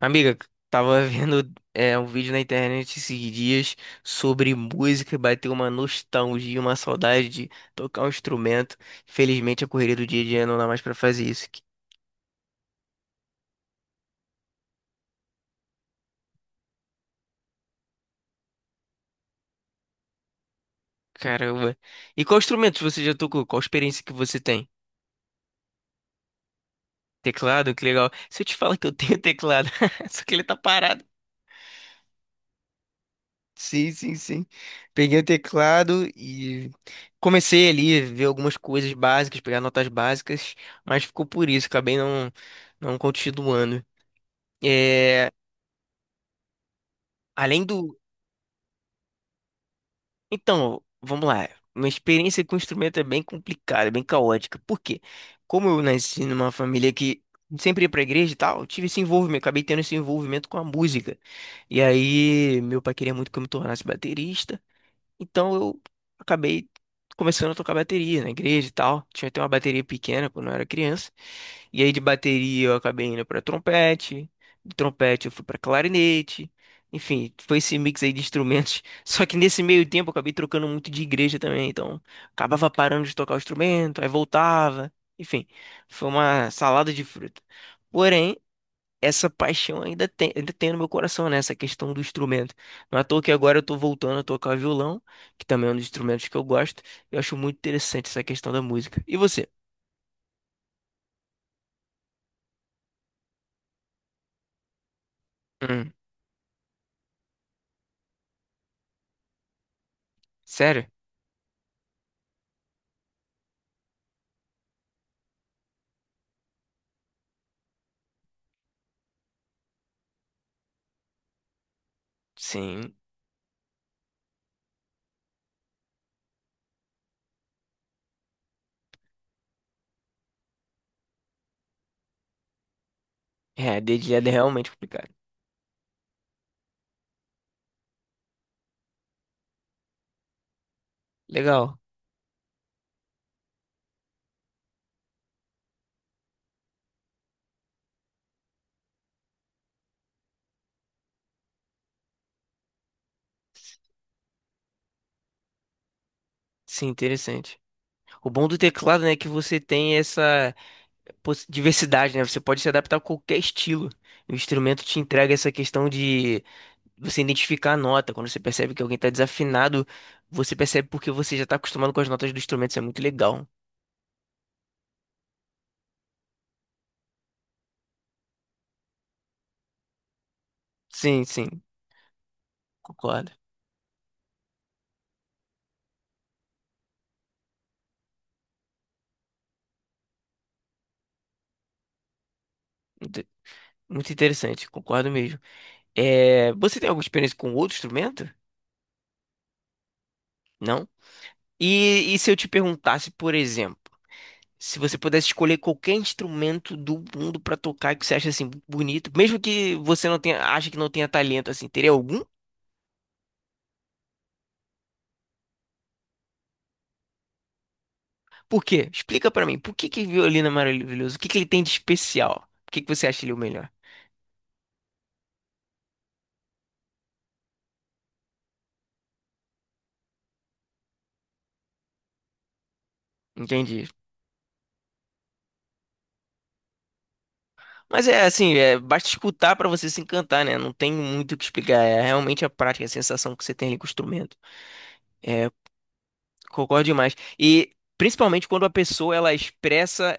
Amiga, tava vendo um vídeo na internet esses dias sobre música e bateu uma nostalgia, uma saudade de tocar um instrumento. Infelizmente, a correria do dia a dia não dá mais pra fazer isso. Que- caramba. E qual instrumento você já tocou? Qual experiência que você tem? Teclado? Que legal. Se eu te falar que eu tenho teclado, só que ele tá parado. Sim, sim, sim. Peguei o teclado e comecei ali a ver algumas coisas básicas, pegar notas básicas, mas ficou por isso, acabei não continuando. É, além do. Então, vamos lá. Minha experiência com o instrumento é bem complicada, é bem caótica. Por quê? Como eu nasci numa família que sempre ia pra igreja e tal, eu tive esse envolvimento, acabei tendo esse envolvimento com a música. E aí, meu pai queria muito que eu me tornasse baterista. Então eu acabei começando a tocar bateria na igreja e tal. Tinha até uma bateria pequena quando eu era criança. E aí de bateria eu acabei indo pra trompete, de trompete eu fui pra clarinete. Enfim, foi esse mix aí de instrumentos. Só que nesse meio tempo eu acabei trocando muito de igreja também, então acabava parando de tocar o instrumento, aí voltava. Enfim, foi uma salada de fruta. Porém, essa paixão ainda tem no meu coração, né? Essa questão do instrumento. Não é à toa que agora eu tô voltando a tocar violão, que também é um dos instrumentos que eu gosto. Eu acho muito interessante essa questão da música. E você? Hum, sério? Sim. É, dedilhada é realmente complicado. Legal. Sim, interessante. O bom do teclado, né, é que você tem essa diversidade, né? Você pode se adaptar a qualquer estilo. O instrumento te entrega essa questão de você identificar a nota, quando você percebe que alguém está desafinado, você percebe porque você já está acostumado com as notas do instrumento, isso é muito legal. Sim, sim, concordo. Muito, muito interessante, concordo mesmo. É, você tem alguma experiência com outro instrumento? Não? E se eu te perguntasse, por exemplo, se você pudesse escolher qualquer instrumento do mundo pra tocar que você acha assim bonito, mesmo que você não tenha, acha que não tenha talento assim, teria algum? Por quê? Explica pra mim. Por que que violino é maravilhoso? O que que ele tem de especial? Por que que você acha ele é o melhor? Entendi. Mas é assim, é, basta escutar pra você se encantar, né? Não tem muito o que explicar. É realmente a prática, a sensação que você tem ali com o instrumento. Concordo demais. E principalmente quando a pessoa ela expressa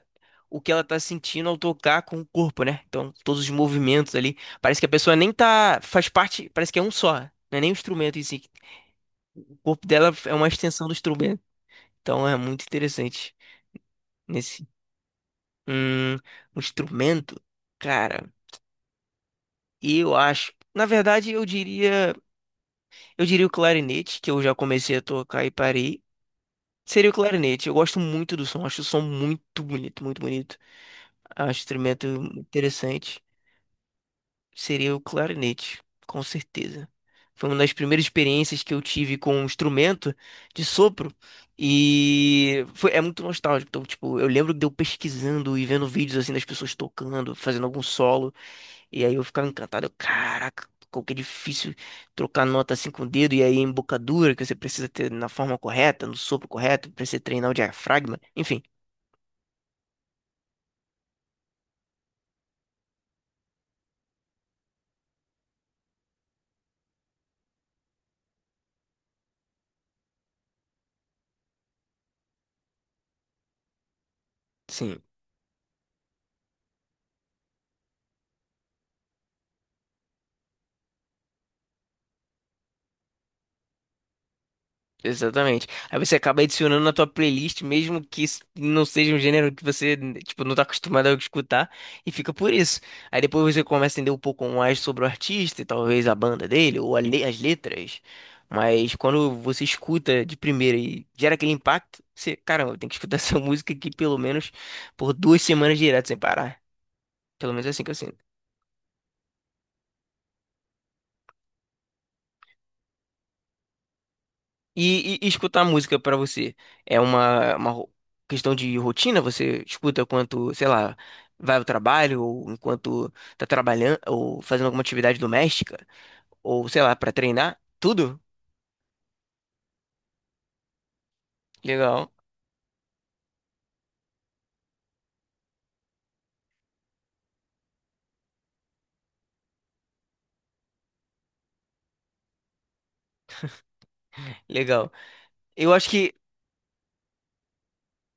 o que ela tá sentindo ao tocar com o corpo, né? Então, todos os movimentos ali, parece que a pessoa nem tá, faz parte, parece que é um só, não é nem o instrumento em si. O corpo dela é uma extensão do instrumento. Então, é muito interessante nesse hum, um instrumento, cara. E eu acho, na verdade, eu diria o clarinete, que eu já comecei a tocar e parei. Seria o clarinete. Eu gosto muito do som, acho o som muito bonito, muito bonito. Acho o instrumento interessante. Seria o clarinete, com certeza. Foi uma das primeiras experiências que eu tive com um instrumento de sopro e foi, é muito nostálgico. Então, tipo, eu lembro de eu pesquisando e vendo vídeos assim das pessoas tocando, fazendo algum solo. E aí eu ficava encantado, eu, caraca, como que é difícil trocar nota assim com o dedo, e aí embocadura que você precisa ter na forma correta, no sopro correto, precisa treinar o diafragma, enfim. Sim, exatamente. Aí você acaba adicionando na tua playlist, mesmo que isso não seja um gênero que você, tipo, não tá acostumado a escutar, e fica por isso. Aí depois você começa a entender um pouco mais sobre o artista, e talvez a banda dele, ou as letras. Mas quando você escuta de primeira e gera aquele impacto, você, caramba, tem que escutar essa música aqui pelo menos por 2 semanas direto sem parar. Pelo menos é assim que eu sinto. E, e escutar música pra você é uma questão de rotina? Você escuta enquanto, sei lá, vai ao trabalho, ou enquanto tá trabalhando, ou fazendo alguma atividade doméstica, ou sei lá, pra treinar? Tudo? Legal, legal. Eu acho que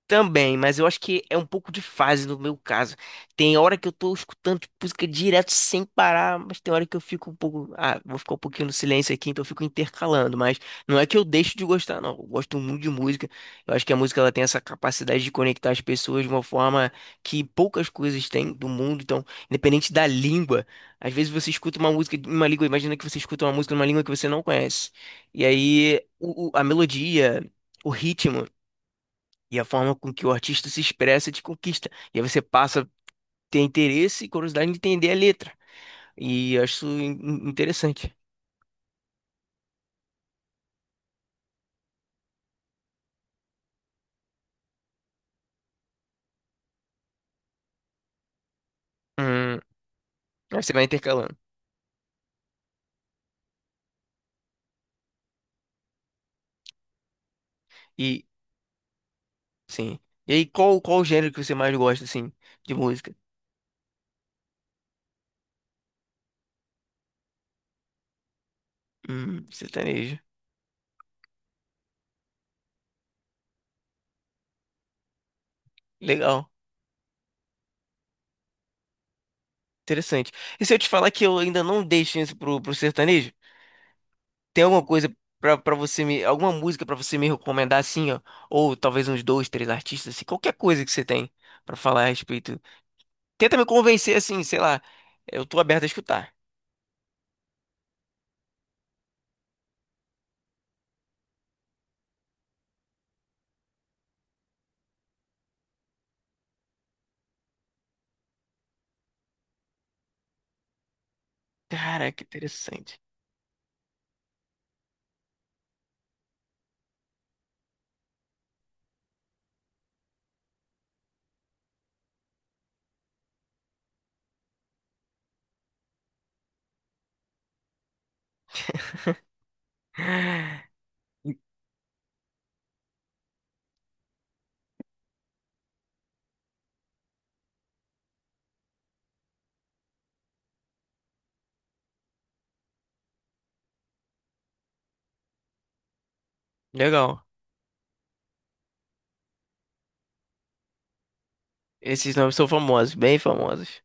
também, mas eu acho que é um pouco de fase no meu caso. Tem hora que eu tô escutando tipo, música direto sem parar, mas tem hora que eu fico um pouco. Ah, vou ficar um pouquinho no silêncio aqui, então eu fico intercalando. Mas não é que eu deixo de gostar, não. Eu gosto muito de música. Eu acho que a música ela tem essa capacidade de conectar as pessoas de uma forma que poucas coisas têm do mundo. Então, independente da língua, às vezes você escuta uma música em uma língua, imagina que você escuta uma música em uma língua que você não conhece. E aí a melodia. O ritmo e a forma com que o artista se expressa te conquista. E aí você passa a ter interesse e curiosidade em entender a letra. E eu acho isso interessante. Hum, aí você vai intercalando. E, sim. E aí, qual, qual o gênero que você mais gosta, assim, de música? Sertanejo. Legal. Interessante. E se eu te falar que eu ainda não dei chance pro, pro sertanejo? Tem alguma coisa pra, pra você me... Alguma música pra você me recomendar, assim, ó? Ou talvez uns 2, 3 artistas, assim, qualquer coisa que você tem pra falar a respeito. Tenta me convencer assim, sei lá. Eu tô aberto a escutar. Cara, que interessante. Legal. Esses nomes são famosos, bem famosos.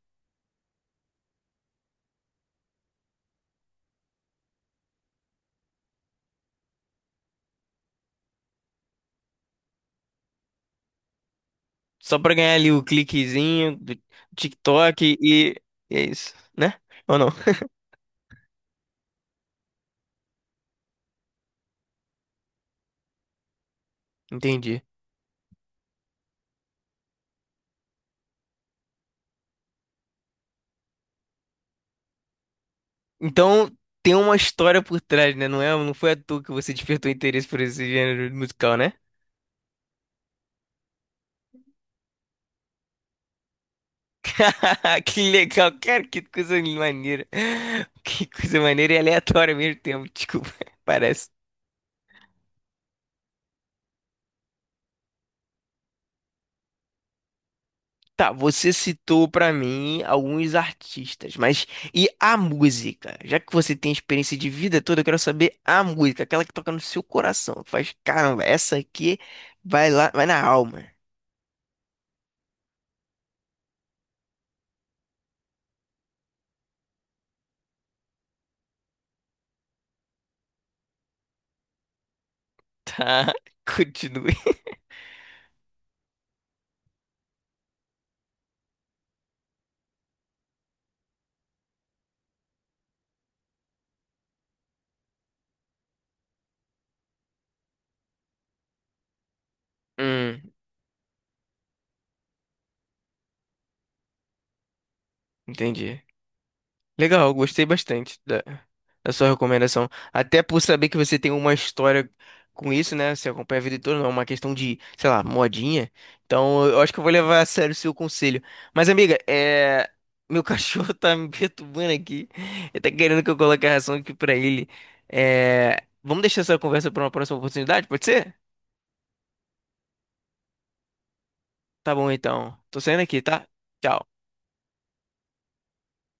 Só pra ganhar ali o cliquezinho do TikTok e é isso, né? Ou não? Entendi. Então tem uma história por trás, né? Não é, não foi à toa que você despertou interesse por esse gênero musical, né? Que legal, cara, que coisa maneira. Que coisa maneira e aleatória ao mesmo tempo, desculpa, parece. Tá, você citou pra mim alguns artistas, mas e a música? Já que você tem experiência de vida toda, eu quero saber a música, aquela que toca no seu coração, que faz, caramba, essa aqui vai lá, vai na alma. Tá, continue. Hum, entendi. Legal, gostei bastante da, da sua recomendação. Até por saber que você tem uma história com isso, né? Você acompanha a vida toda, não é uma questão de, sei lá, modinha. Então, eu acho que eu vou levar a sério o seu conselho. Mas, amiga, é... meu cachorro tá me perturbando aqui. Ele tá querendo que eu coloque a ração aqui pra ele. É... vamos deixar essa conversa pra uma próxima oportunidade, pode ser? Tá bom, então. Tô saindo aqui, tá? Tchau.